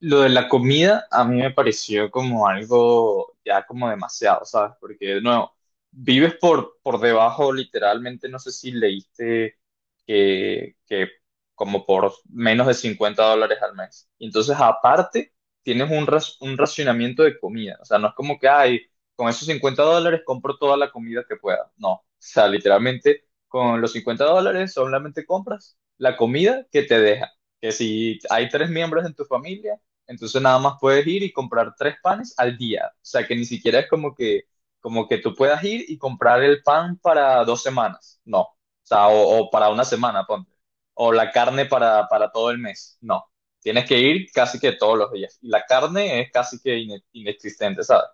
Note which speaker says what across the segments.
Speaker 1: Lo de la comida a mí me pareció como algo ya como demasiado, ¿sabes? Porque de nuevo, vives por debajo literalmente, no sé si leíste que como por menos de $50 al mes. Y entonces aparte tienes un racionamiento de comida, o sea, no es como que, ay, con esos $50 compro toda la comida que pueda, no, o sea, literalmente con los $50 solamente compras la comida que te deja que si hay tres miembros en tu familia, entonces nada más puedes ir y comprar tres panes al día. O sea que ni siquiera es como que tú puedas ir y comprar el pan para 2 semanas. No. O sea, o para una semana, ponte. O la carne para todo el mes. No. Tienes que ir casi que todos los días. Y la carne es casi que inexistente, ¿sabes?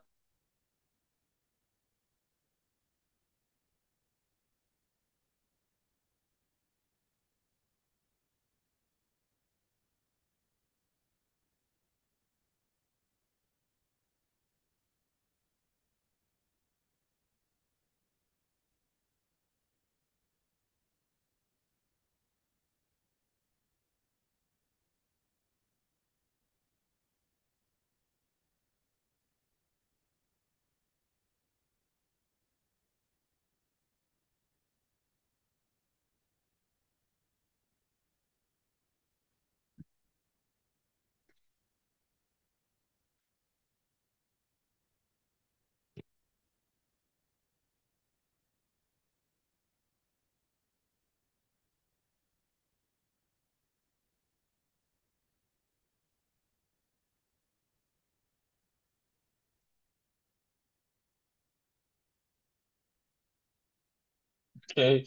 Speaker 1: Ok.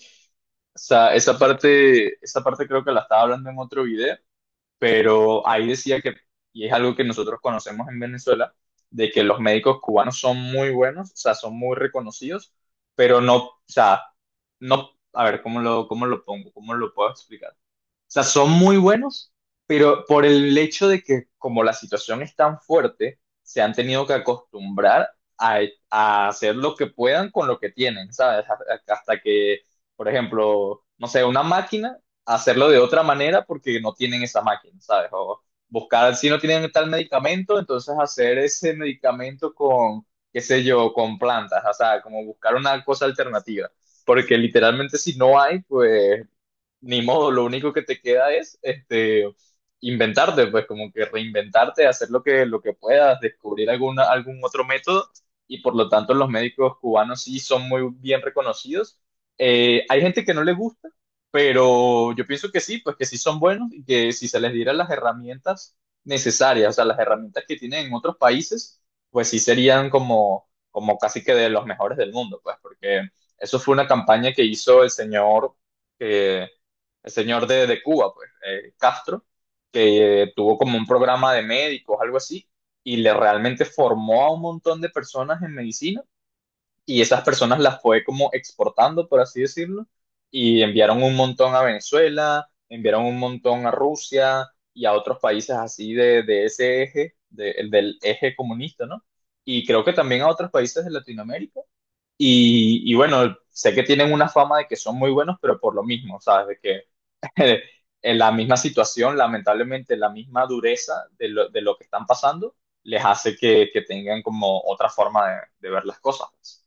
Speaker 1: O sea, esa parte creo que la estaba hablando en otro video, pero ahí decía que, y es algo que nosotros conocemos en Venezuela, de que los médicos cubanos son muy buenos, o sea, son muy reconocidos, pero no, o sea, no, a ver, ¿cómo lo pongo? ¿Cómo lo puedo explicar? O sea, son muy buenos, pero por el hecho de que como la situación es tan fuerte, se han tenido que acostumbrar a, a hacer lo que puedan con lo que tienen, ¿sabes? Hasta que, por ejemplo, no sé, una máquina, hacerlo de otra manera porque no tienen esa máquina, ¿sabes? O buscar, si no tienen tal medicamento, entonces hacer ese medicamento con, qué sé yo, con plantas, o sea, como buscar una cosa alternativa. Porque literalmente si no hay, pues ni modo, lo único que te queda es este, inventarte, pues como que reinventarte, hacer lo que, puedas, descubrir alguna, algún otro método y por lo tanto los médicos cubanos sí son muy bien reconocidos. Hay gente que no le gusta, pero yo pienso que sí, pues que sí son buenos y que si se les diera las herramientas necesarias, o sea, las herramientas que tienen en otros países, pues sí serían como casi que de los mejores del mundo, pues porque eso fue una campaña que hizo eh, el señor de Cuba, pues, Castro, que tuvo como un programa de médicos, algo así, y le realmente formó a un montón de personas en medicina y esas personas las fue como exportando, por así decirlo, y enviaron un montón a Venezuela, enviaron un montón a Rusia y a otros países así de, ese eje, el del eje comunista, ¿no? Y creo que también a otros países de Latinoamérica. Y bueno, sé que tienen una fama de que son muy buenos, pero por lo mismo, ¿sabes? De que en la misma situación, lamentablemente, la misma dureza de lo, que están pasando, les hace que, tengan como otra forma de ver las cosas.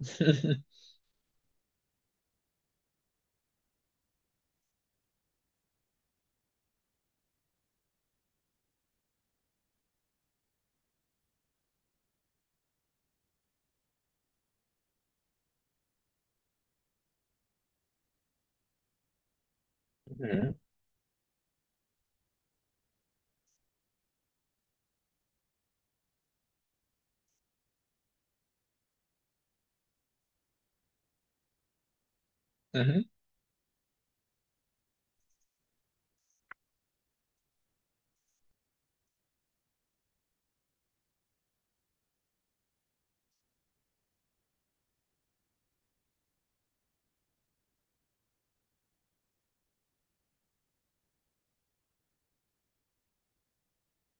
Speaker 1: Ujú, ujú.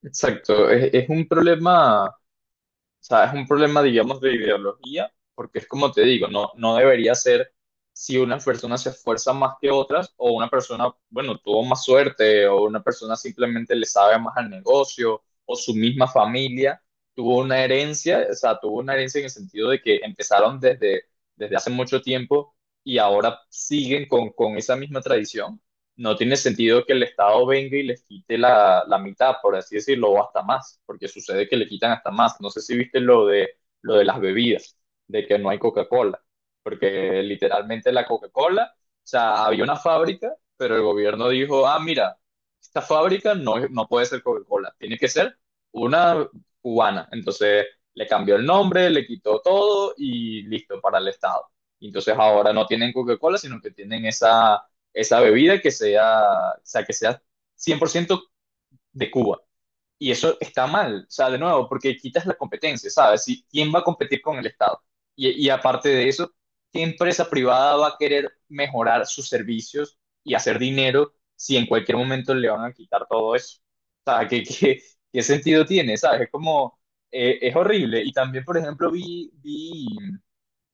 Speaker 1: Exacto, es un problema. O sea, es un problema, digamos, de ideología, porque es como te digo, no, no debería ser si una persona se esfuerza más que otras o una persona, bueno, tuvo más suerte o una persona simplemente le sabe más al negocio o su misma familia tuvo una herencia, o sea, tuvo una herencia en el sentido de que empezaron desde, hace mucho tiempo y ahora siguen con esa misma tradición. No tiene sentido que el Estado venga y les quite la mitad, por así decirlo, o hasta más, porque sucede que le quitan hasta más. No sé si viste lo de las bebidas, de que no hay Coca-Cola, porque literalmente la Coca-Cola, o sea, había una fábrica, pero el gobierno dijo, ah, mira, esta fábrica no, no puede ser Coca-Cola, tiene que ser una cubana. Entonces le cambió el nombre, le quitó todo y listo para el Estado. Y entonces ahora no tienen Coca-Cola, sino que tienen esa bebida que sea, o sea, que sea 100% de Cuba. Y eso está mal, o sea, de nuevo, porque quitas la competencia, ¿sabes? Si, ¿quién va a competir con el Estado? Y aparte de eso, ¿qué empresa privada va a querer mejorar sus servicios y hacer dinero si en cualquier momento le van a quitar todo eso? O sea, ¿qué, sentido tiene? ¿Sabes? Es como, es horrible. Y también, por ejemplo, vi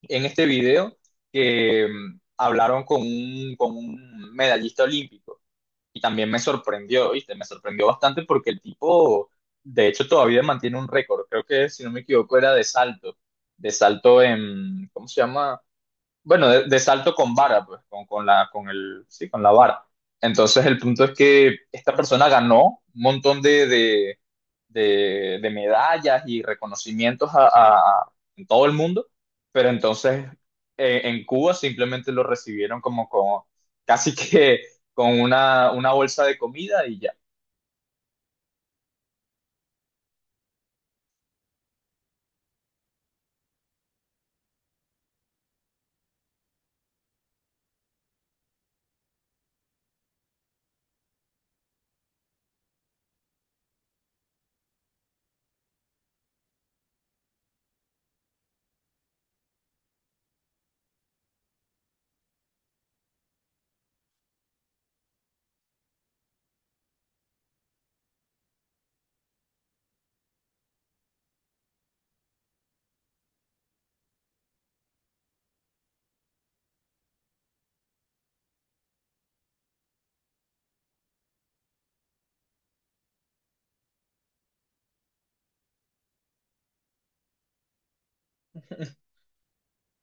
Speaker 1: en este video que hablaron con un medallista olímpico y también me sorprendió, ¿viste? Me sorprendió bastante porque el tipo, de hecho, todavía mantiene un récord. Creo que, si no me equivoco, era de salto en, ¿cómo se llama? Bueno, de salto con vara, pues, con la, con el, sí, con la vara. Entonces, el punto es que esta persona ganó un montón de, de medallas y reconocimientos a en todo el mundo, pero entonces en Cuba simplemente lo recibieron como, como casi que con una, bolsa de comida y ya.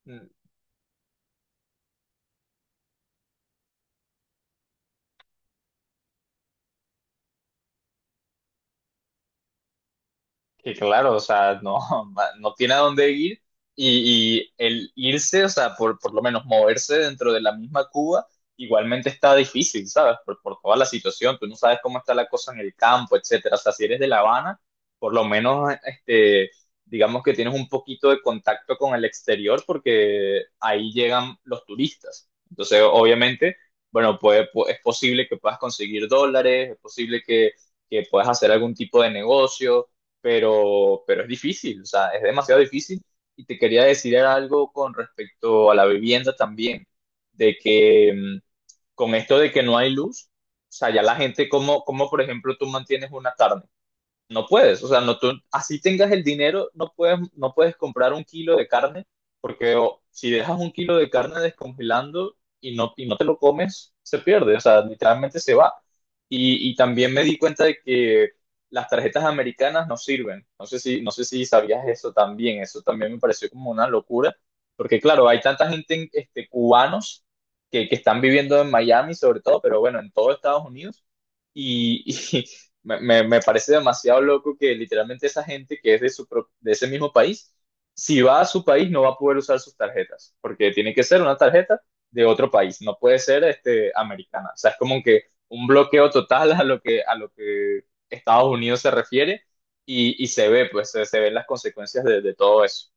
Speaker 1: Que claro, o sea, no, no tiene a dónde ir y el irse, o sea, por, lo menos moverse dentro de la misma Cuba, igualmente está difícil, ¿sabes? por toda la situación, tú no sabes cómo está la cosa en el campo, etcétera. O sea, si eres de La Habana, por lo menos, este, digamos que tienes un poquito de contacto con el exterior porque ahí llegan los turistas. Entonces, obviamente, bueno, pues, es posible que puedas conseguir dólares, es posible que, puedas hacer algún tipo de negocio, pero es difícil, o sea, es demasiado difícil. Y te quería decir algo con respecto a la vivienda también, de que con esto de que no hay luz, o sea, ya la gente, como, por ejemplo tú mantienes una carne? No puedes, o sea, no, tú, así tengas el dinero, no puedes, comprar un kilo de carne, porque o, si dejas un kilo de carne descongelando y no te lo comes, se pierde, o sea, literalmente se va. Y también me di cuenta de que las tarjetas americanas no sirven. no sé si, sabías eso también me pareció como una locura, porque claro, hay tanta gente, este, cubanos que, están viviendo en Miami sobre todo, pero bueno, en todo Estados Unidos y, me parece demasiado loco que literalmente esa gente que es de ese mismo país, si va a su país no va a poder usar sus tarjetas, porque tiene que ser una tarjeta de otro país, no puede ser este, americana. O sea, es como que un bloqueo total a lo que Estados Unidos se refiere y se ve, pues se ven las consecuencias de, todo eso.